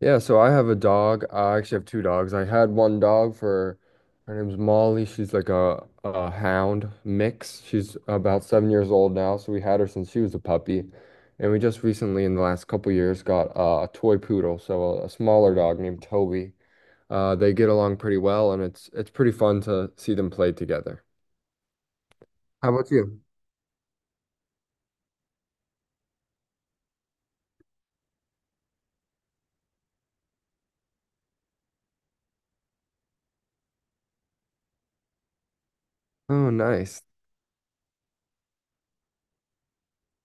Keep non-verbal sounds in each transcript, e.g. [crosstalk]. Yeah, so I have a dog. I actually have two dogs. I had one dog for Her name's Molly. She's like a hound mix. She's about 7 years old now, so we had her since she was a puppy. And we just recently, in the last couple years, got a toy poodle, so a smaller dog named Toby. They get along pretty well, and it's pretty fun to see them play together. How about you? Oh, nice.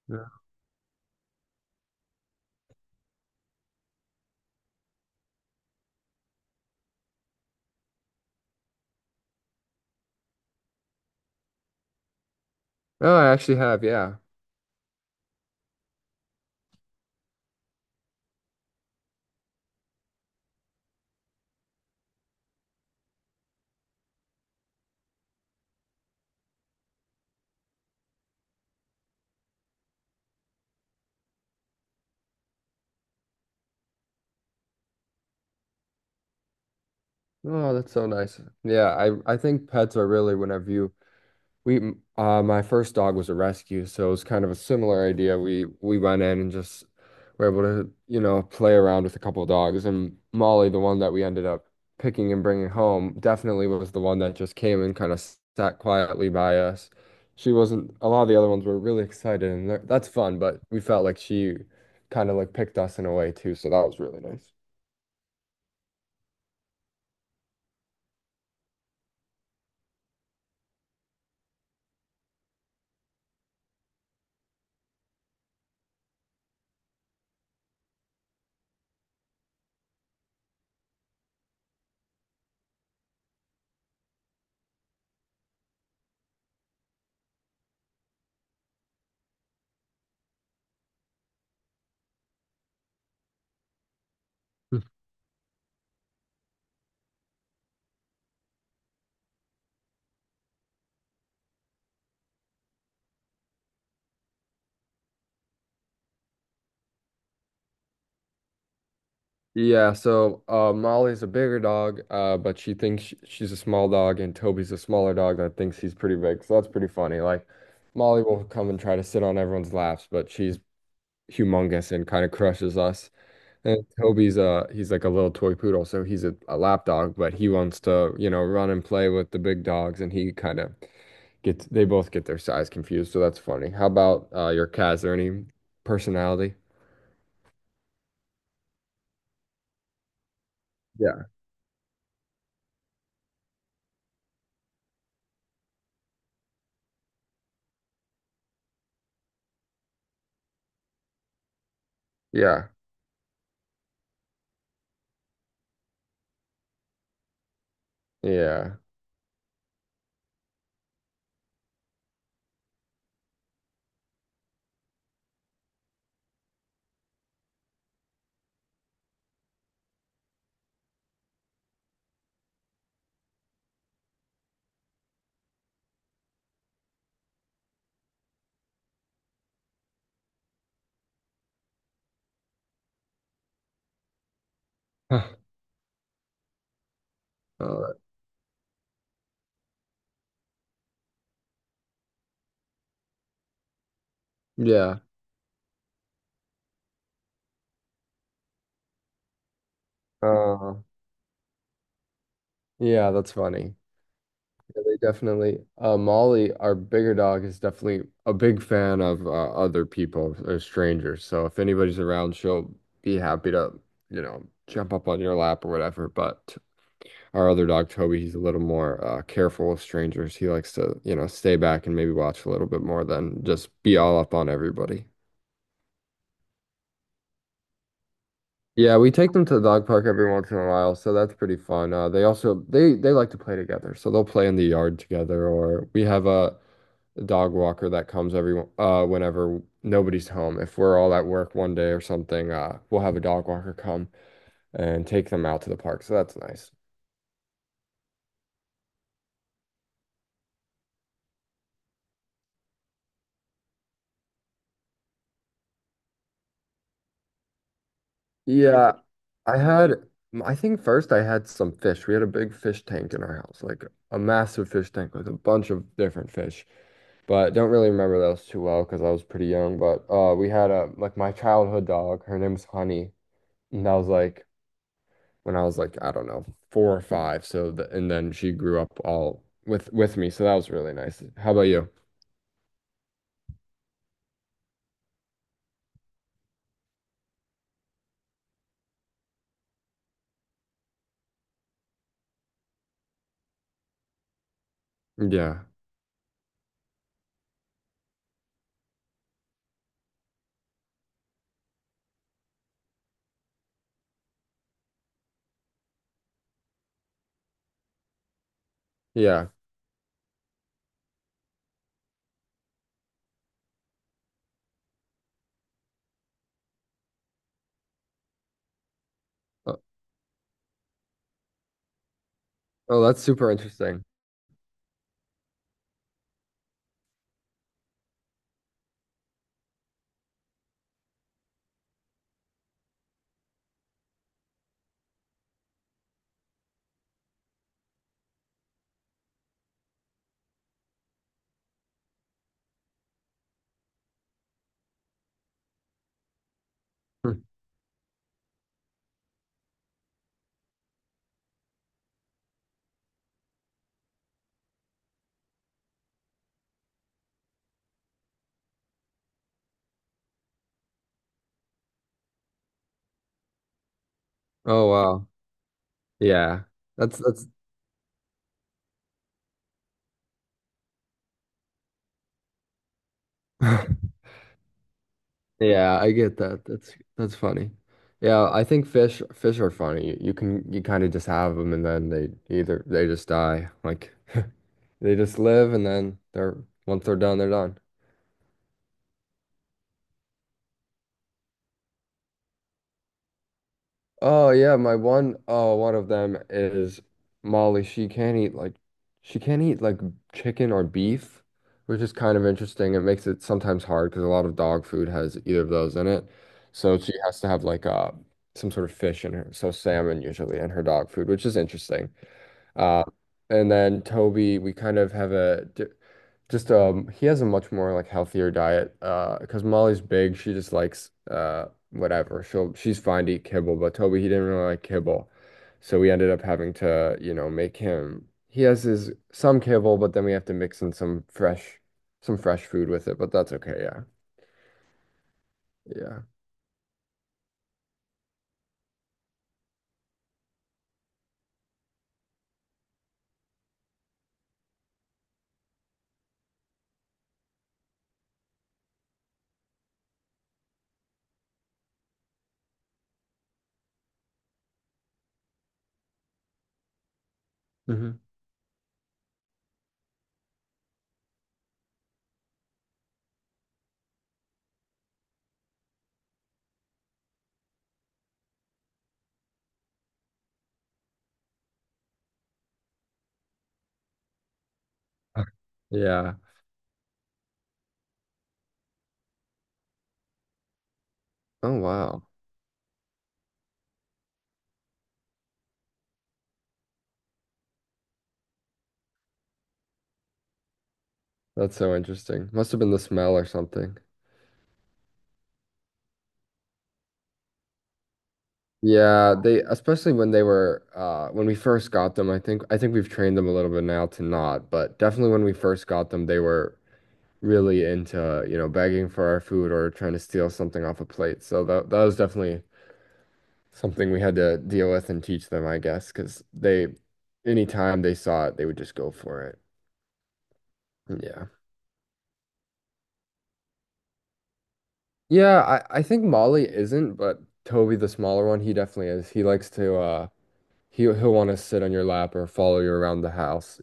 Yeah. Oh, I actually have, yeah. Oh, that's so nice. Yeah, I think pets are really whenever you— my first dog was a rescue, so it was kind of a similar idea. We went in and just were able to, you know, play around with a couple of dogs. And Molly, the one that we ended up picking and bringing home, definitely was the one that just came and kind of sat quietly by us. She wasn't— a lot of the other ones were really excited, and that's fun, but we felt like she kind of like picked us in a way too, so that was really nice. Yeah, so Molly's a bigger dog, but she thinks she's a small dog, and Toby's a smaller dog that thinks he's pretty big. So that's pretty funny. Like Molly will come and try to sit on everyone's laps, but she's humongous and kind of crushes us. And Toby's uh, he's like a little toy poodle, so he's a lap dog, but he wants to, you know, run and play with the big dogs, and he kind of gets— they both get their size confused. So that's funny. How about your cat? Is there any personality? Yeah, yeah, yeah. [laughs] Uh, yeah. Uh, yeah, that's funny. Yeah, they definitely. Molly, our bigger dog, is definitely a big fan of other people or strangers. So if anybody's around, she'll be happy to, you know, jump up on your lap or whatever. But our other dog, Toby, he's a little more careful with strangers. He likes to, you know, stay back and maybe watch a little bit more than just be all up on everybody. Yeah, we take them to the dog park every once in a while, so that's pretty fun. They also they like to play together, so they'll play in the yard together, or we have a dog walker that comes every— uh, whenever nobody's home. If we're all at work one day or something, we'll have a dog walker come and take them out to the park, so that's nice. Yeah, I had I think first I had some fish. We had a big fish tank in our house, like a massive fish tank with a bunch of different fish. But don't really remember those too well because I was pretty young. But we had a— like my childhood dog. Her name was Honey, and that was like when I was like I don't know 4 or 5. So the— and then she grew up all with me. So that was really nice. How about you? Yeah, yeah. Oh, oh, that's super interesting. [laughs] Oh wow, yeah. That's that's. [laughs] Yeah, I get that. That's funny. Yeah, I think fish are funny. You can— you kind of just have them and then they— either they just die. Like [laughs] they just live and then they're— once they're done, they're done. Oh yeah, my one oh one of them is Molly. She can't eat like chicken or beef, which is kind of interesting. It makes it sometimes hard because a lot of dog food has either of those in it. So she has to have like some sort of fish in her, so salmon usually in her dog food, which is interesting. Uh, and then Toby, we kind of have just he has a much more like healthier diet. Because Molly's big, she just likes uh, whatever. She'll— she's fine to eat kibble, but Toby he didn't really like kibble, so we ended up having to you know make him. He has his— some kibble, but then we have to mix in some fresh food with it. But that's okay. Yeah, yeah, hmm. [laughs] Yeah. Oh wow, that's so interesting. Must have been the smell or something. Yeah, they especially when they were uh, when we first got them, I think we've trained them a little bit now to not, but definitely when we first got them, they were really into, you know, begging for our food or trying to steal something off a plate. So that that was definitely something we had to deal with and teach them, I guess, because they— anytime they saw it, they would just go for it. Yeah. Yeah, I think Molly isn't, but Toby, the smaller one, he definitely is. He likes to uh, he'll want to sit on your lap or follow you around the house.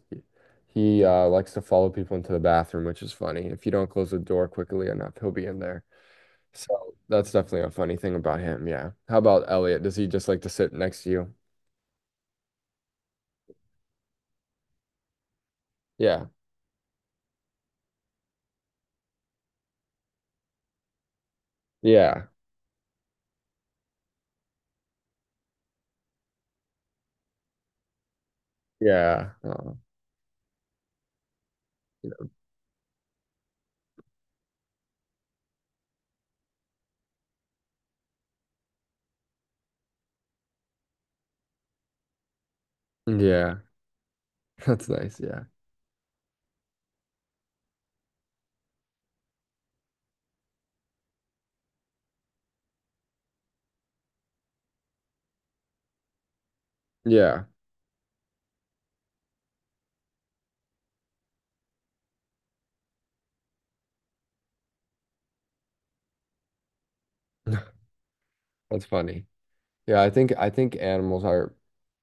He likes to follow people into the bathroom, which is funny. If you don't close the door quickly enough, he'll be in there. So that's definitely a funny thing about him. Yeah. How about Elliot? Does he just like to sit next to you? Yeah. Yeah. Yeah. Oh, yeah. Yeah. [laughs] That's nice. Yeah. Yeah. [laughs] That's funny. Yeah, I think animals are—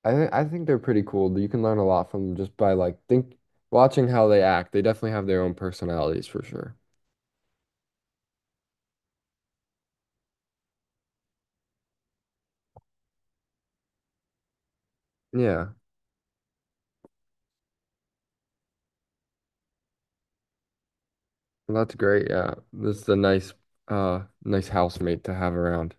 I think they're pretty cool. You can learn a lot from them just by like think watching how they act. They definitely have their own personalities for sure. Yeah. Well, that's great. Yeah. This is a nice nice housemate to have around.